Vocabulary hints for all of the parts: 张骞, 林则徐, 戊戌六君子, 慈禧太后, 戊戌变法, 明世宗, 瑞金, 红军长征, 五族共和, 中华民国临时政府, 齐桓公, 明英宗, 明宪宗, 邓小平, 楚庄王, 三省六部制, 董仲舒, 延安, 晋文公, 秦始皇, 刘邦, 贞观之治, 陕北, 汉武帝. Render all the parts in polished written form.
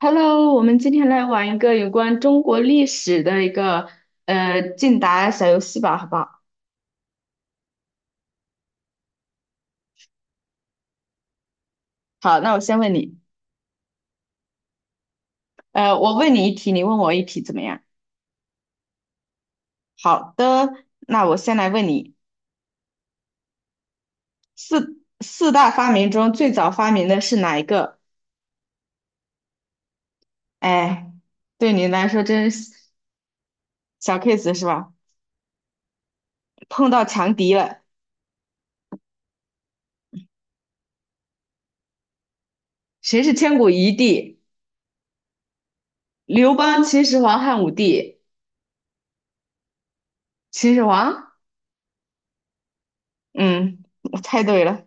Hello，我们今天来玩一个有关中国历史的一个竞答小游戏吧，好不好？好，那我先问你，我问你一题，你问我一题，怎么样？好的，那我先来问你，四大发明中最早发明的是哪一个？哎，对你来说真是小 case 是吧？碰到强敌了，谁是千古一帝？刘邦、秦始皇、汉武帝？秦始皇？嗯，我猜对了。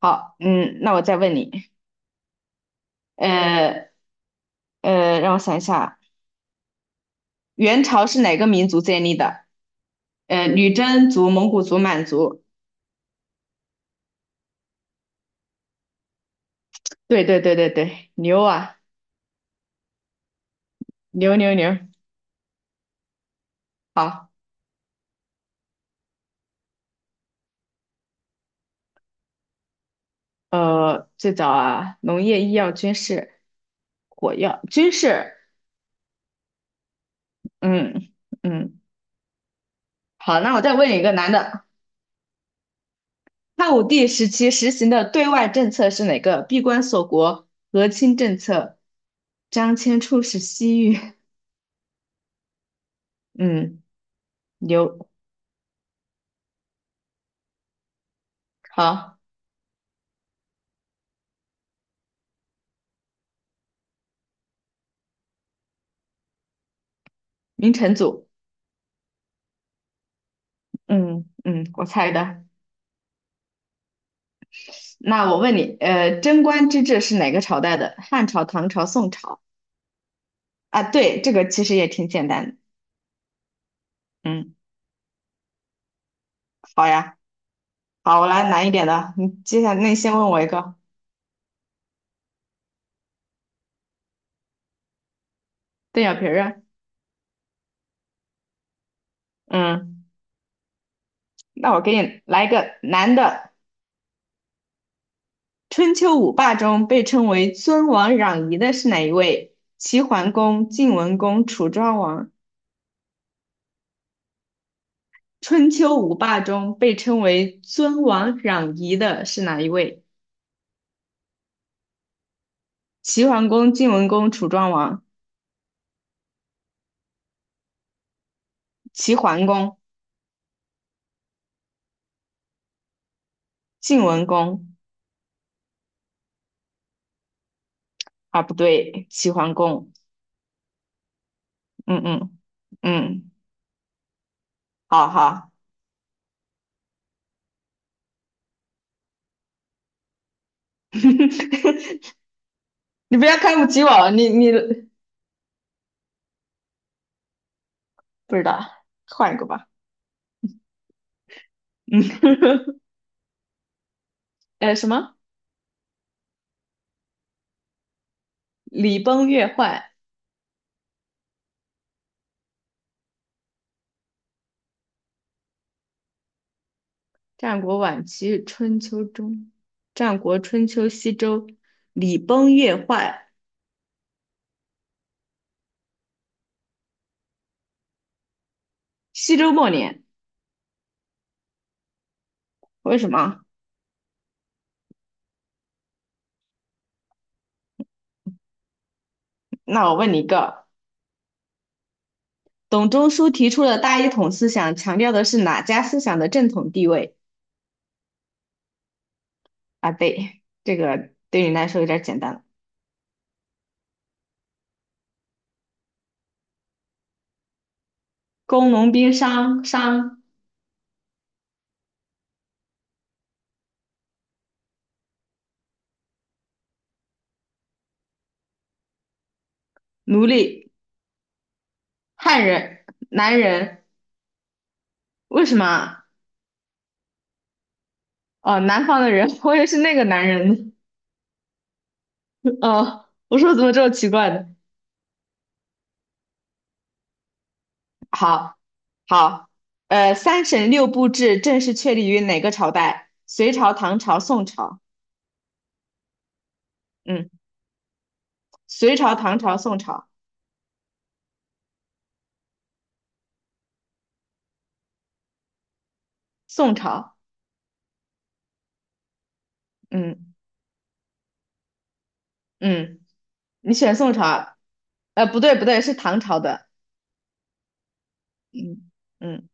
好，嗯，那我再问你。呃让我想一下，元朝是哪个民族建立的？女真族、蒙古族、满族。对对对对对，牛啊，牛牛牛。好，最早啊，农业、医药、军事、火药、军事。嗯嗯，好，那我再问你一个难的，汉武帝时期实行的对外政策是哪个？闭关锁国、和亲政策、张骞出使西域。嗯，牛。好，明成祖。嗯嗯，我猜的。那我问你，贞观之治是哪个朝代的？汉朝、唐朝、宋朝？啊，对，这个其实也挺简单的。嗯，好呀，好，我来难一点的。你接下来，那你先问我一个邓小平儿啊。嗯，那我给你来一个男的。春秋五霸中被称为尊王攘夷的是哪一位？齐桓公、晋文公、楚庄王。春秋五霸中被称为尊王攘夷的是哪一位？齐桓公、晋文公、楚庄王，齐桓公、晋文公啊，不对，齐桓公，嗯嗯嗯，好好，你不要看不起我，你不知道，换一个吧，嗯，什么？礼崩乐坏，战国晚期，春秋中，战国春秋西周，礼崩乐坏，西周末年，为什么？那我问你一个。董仲舒提出了大一统思想，强调的是哪家思想的正统地位啊？对，这个对你来说有点简单了。工农兵商奴隶汉人男人，为什么啊？哦，南方的人，我也是那个男人。哦，我说怎么这么奇怪呢？好，好，三省六部制正式确立于哪个朝代？隋朝、唐朝、宋朝。嗯，隋朝、唐朝、宋朝，宋朝。嗯嗯。你选宋朝啊不对，不对，是唐朝的。嗯嗯，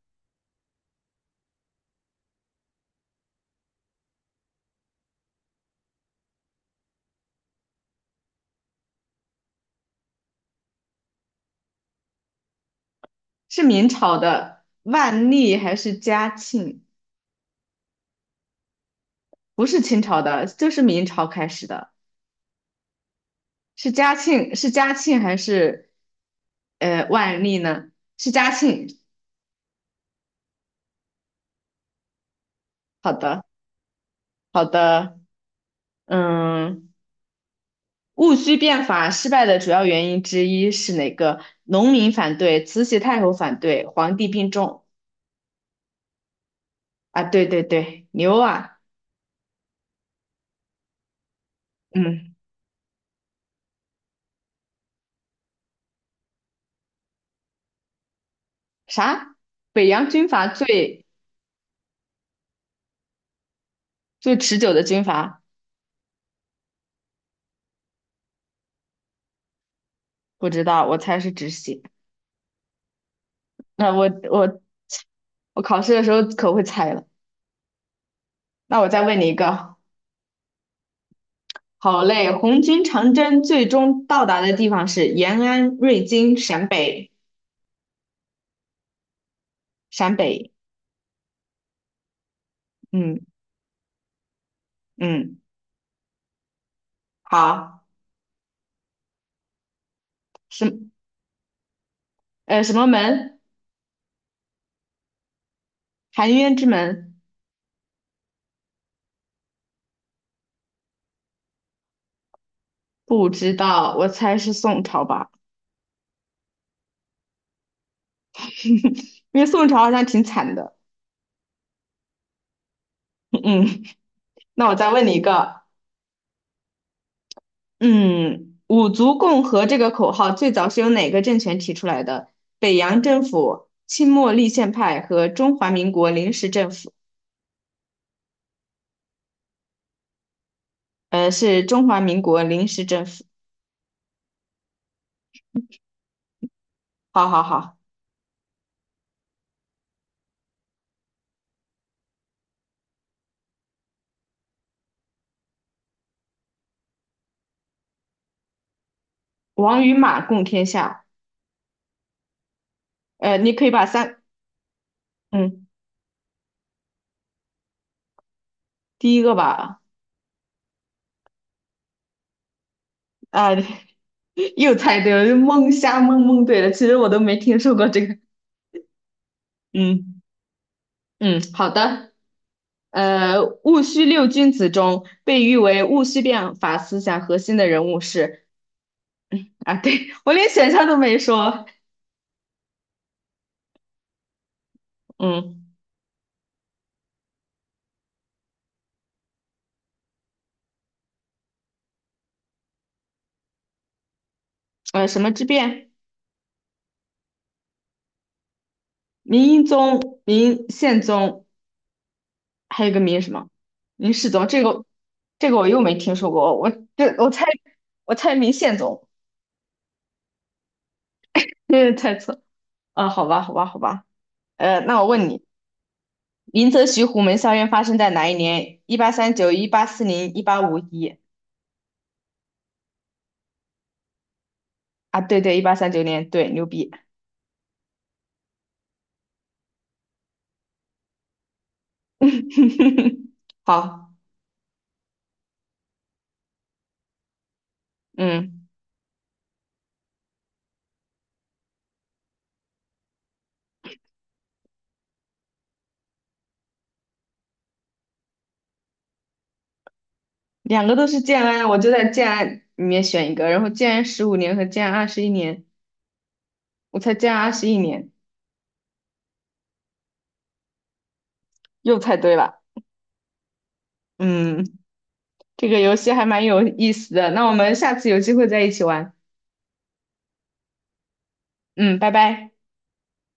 是明朝的万历还是嘉庆？不是清朝的，就是明朝开始的。是嘉庆，是嘉庆还是万历呢？是嘉庆。好的，好的。嗯，戊戌变法失败的主要原因之一是哪个？农民反对，慈禧太后反对，皇帝病重。啊，对对对，牛啊！嗯，啥？北洋军阀最持久的军阀，不知道，我猜是止血。那我考试的时候可会猜了。那我再问你一个，好嘞，红军长征最终到达的地方是延安、瑞金、陕北、陕北。嗯嗯，好，什什么门？含冤之门？不知道，我猜是宋朝吧，因为宋朝好像挺惨的。嗯，那我再问你一个。嗯，五族共和这个口号最早是由哪个政权提出来的？北洋政府、清末立宪派和中华民国临时政府。是中华民国临时政府。好好好，王与马共天下。你可以把三，嗯，第一个吧，啊，又猜对了，就蒙瞎蒙蒙对了。其实我都没听说过这个。嗯嗯，好的。戊戌六君子中被誉为戊戌变法思想核心的人物是。啊，对，我连选项都没说。嗯，什么之变？明英宗、明宪宗，还有一个明什么？明世宗。这个我又没听说过。我猜，我猜明宪宗，这是猜错。啊，好吧，好吧，好吧。那我问你，林则徐虎门校运发生在哪一年？一八三九、1840、1851。啊，对对，1839年。对，牛逼。好，嗯。两个都是建安，我就在建安里面选一个，然后建安15年和建安二十一年，我才建安二十一年，又猜对了。嗯，这个游戏还蛮有意思的，那我们下次有机会再一起玩。嗯，拜拜。